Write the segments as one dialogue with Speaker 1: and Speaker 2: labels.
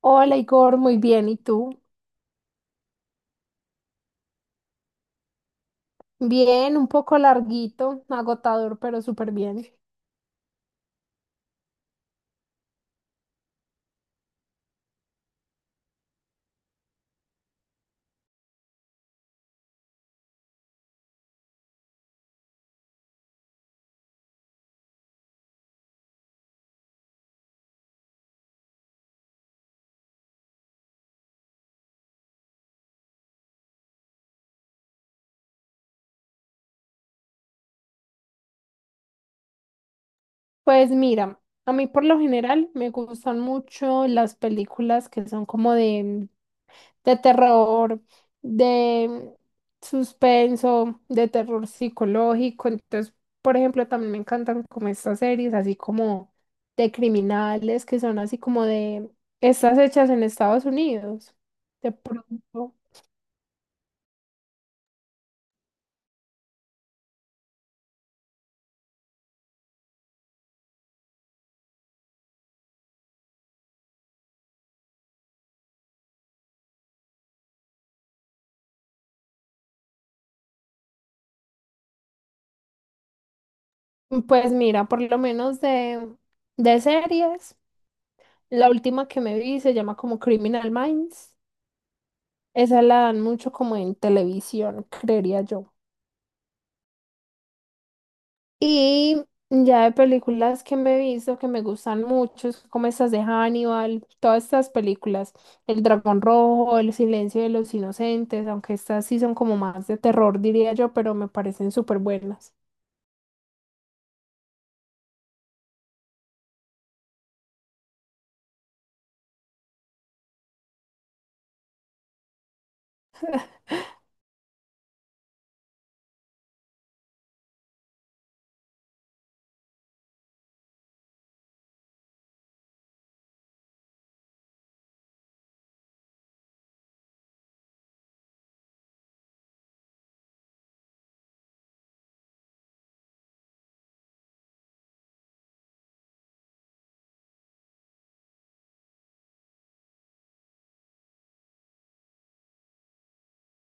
Speaker 1: Hola Igor, muy bien. ¿Y tú? Bien, un poco larguito, agotador, pero súper bien. Pues mira, a mí por lo general me gustan mucho las películas que son como de, terror, de suspenso, de terror psicológico. Entonces, por ejemplo, también me encantan como estas series, así como de criminales, que son así como de estas hechas en Estados Unidos. De pronto. Pues mira, por lo menos de, series, la última que me vi se llama como Criminal Minds. Esa la dan mucho como en televisión, creería yo. Y ya de películas que me he visto que me gustan mucho, es como estas de Hannibal, todas estas películas, El Dragón Rojo, El Silencio de los Inocentes, aunque estas sí son como más de terror, diría yo, pero me parecen súper buenas.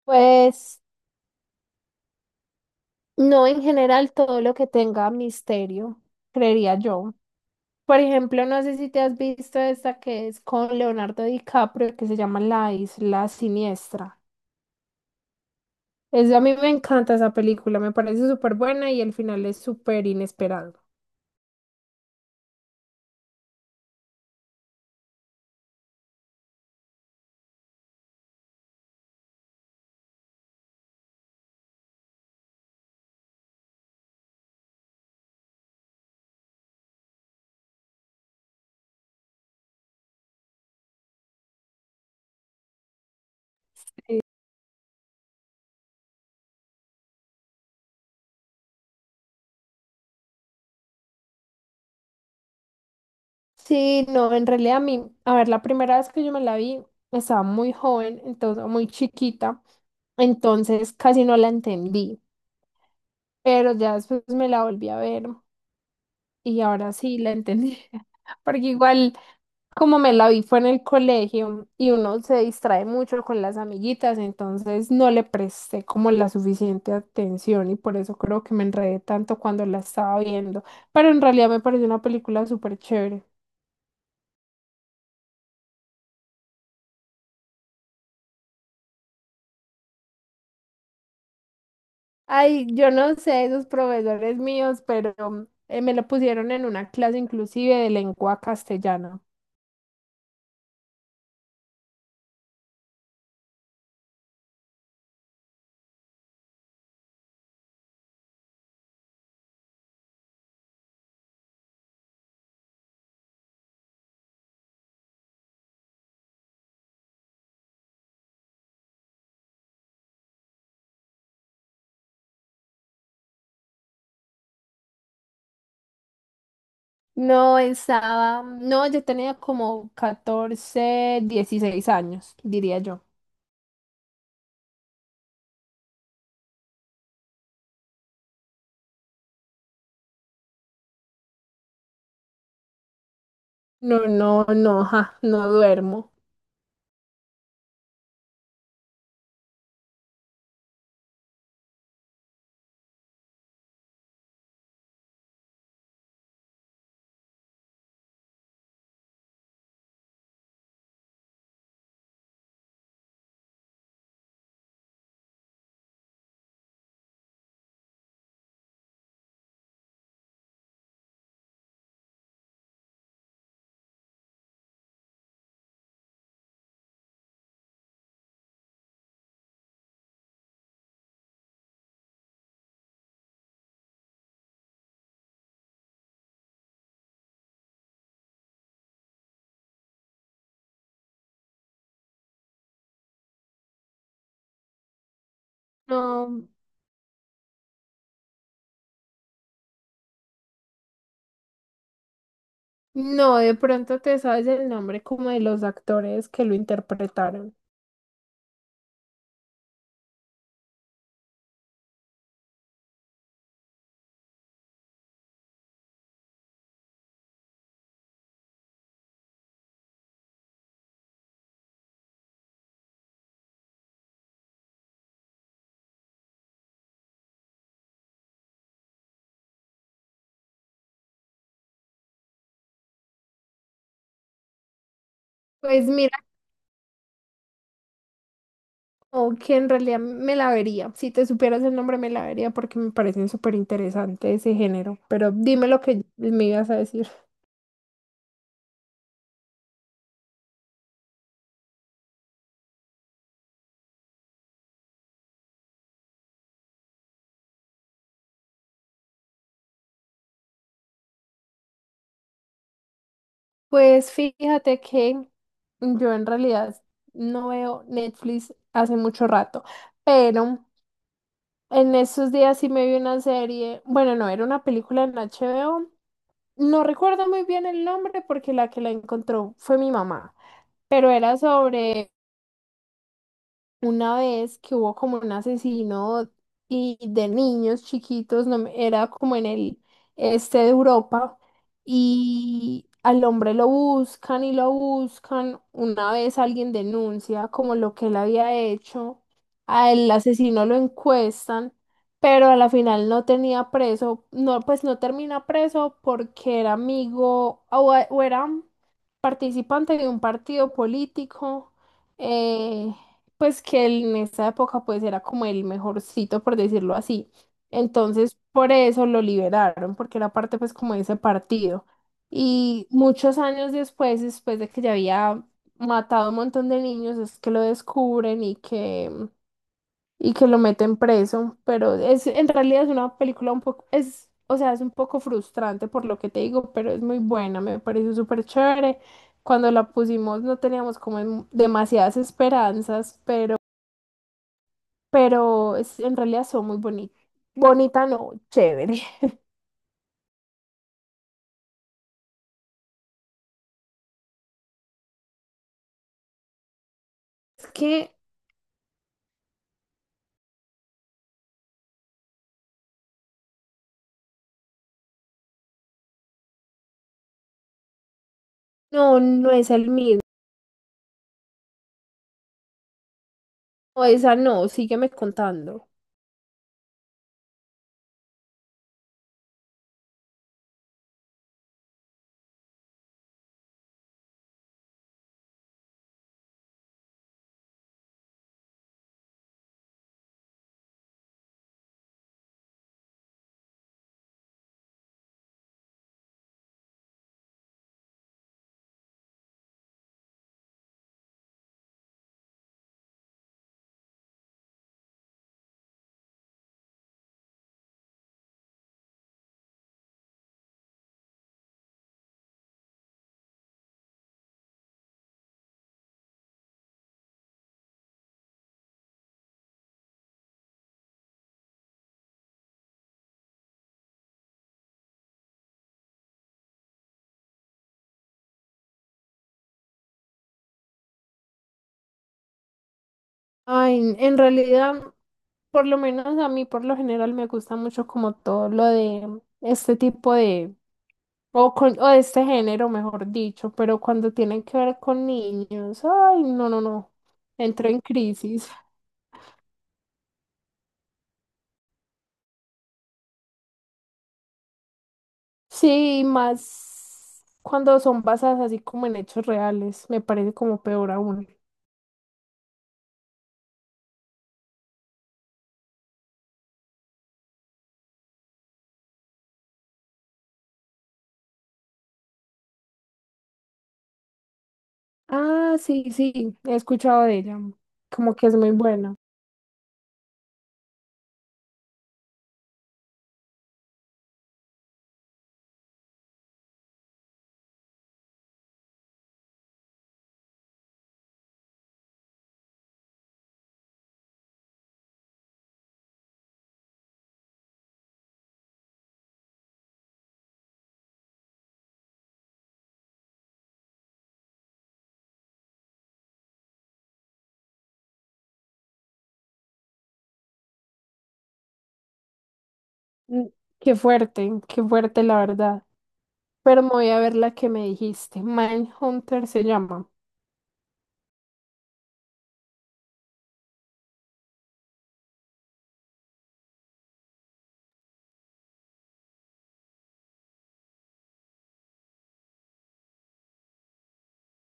Speaker 1: Pues no en general todo lo que tenga misterio, creería yo. Por ejemplo, no sé si te has visto esta que es con Leonardo DiCaprio, que se llama La Isla Siniestra. Es, a mí me encanta esa película, me parece súper buena y el final es súper inesperado. Sí, no, en realidad a mí, a ver, la primera vez que yo me la vi, estaba muy joven, entonces, muy chiquita, entonces casi no la entendí, pero ya después me la volví a ver. Y ahora sí la entendí. Porque igual, como me la vi fue en el colegio y uno se distrae mucho con las amiguitas, entonces no le presté como la suficiente atención y por eso creo que me enredé tanto cuando la estaba viendo. Pero en realidad me pareció una película súper chévere. Ay, yo no sé, esos profesores míos, pero me lo pusieron en una clase inclusive de lengua castellana. No, estaba, no, yo tenía como 14 16 años, diría yo. No, no, no, ja, no duermo. No, no, de pronto te sabes el nombre como de los actores que lo interpretaron. Pues mira, como que en realidad me la vería. Si te supieras el nombre, me la vería porque me parece súper interesante ese género. Pero dime lo que me ibas a decir. Pues fíjate que yo en realidad no veo Netflix hace mucho rato, pero en esos días sí me vi una serie, bueno, no, era una película en HBO, no recuerdo muy bien el nombre porque la que la encontró fue mi mamá, pero era sobre una vez que hubo como un asesino y de niños chiquitos, no me- era como en el este de Europa, y al hombre lo buscan y lo buscan. Una vez alguien denuncia como lo que él había hecho, al asesino lo encuestan, pero a la final no tenía preso, no, pues no termina preso porque era amigo o, era participante de un partido político. eh, pues que él en esa época pues era como el mejorcito, por decirlo así. Entonces, por eso lo liberaron, porque era parte pues como de ese partido. Y muchos años después, después de que ya había matado a un montón de niños, es que lo descubren y que, lo meten preso. Pero es, en realidad es una película un poco, es, o sea, es un poco frustrante por lo que te digo, pero es muy buena, me pareció súper chévere. Cuando la pusimos no teníamos como demasiadas esperanzas, pero es, en realidad son muy bonitas. Bonita no, chévere. Es que no, no es el mismo. O esa no, sígueme contando. Ay, en realidad, por lo menos a mí por lo general me gusta mucho como todo lo de este tipo de, o, con, o de este género, mejor dicho, pero cuando tienen que ver con niños, ay, no, no, no, entro en crisis. Sí, más cuando son basadas así como en hechos reales, me parece como peor aún. Ah, sí, sí, he escuchado de ella. Como que es muy buena. Mm. Qué fuerte la verdad. Pero me voy a ver la que me dijiste. Mindhunter se llama.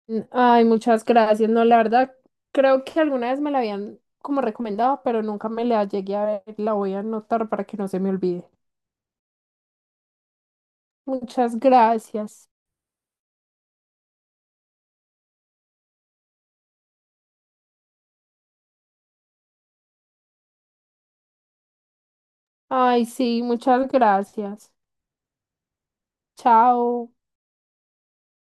Speaker 1: Mm. Ay, muchas gracias. No, la verdad, creo que alguna vez me la habían como recomendado, pero nunca me la llegué a ver. La voy a anotar para que no se me olvide. Muchas gracias. Ay, sí, muchas gracias. Chao.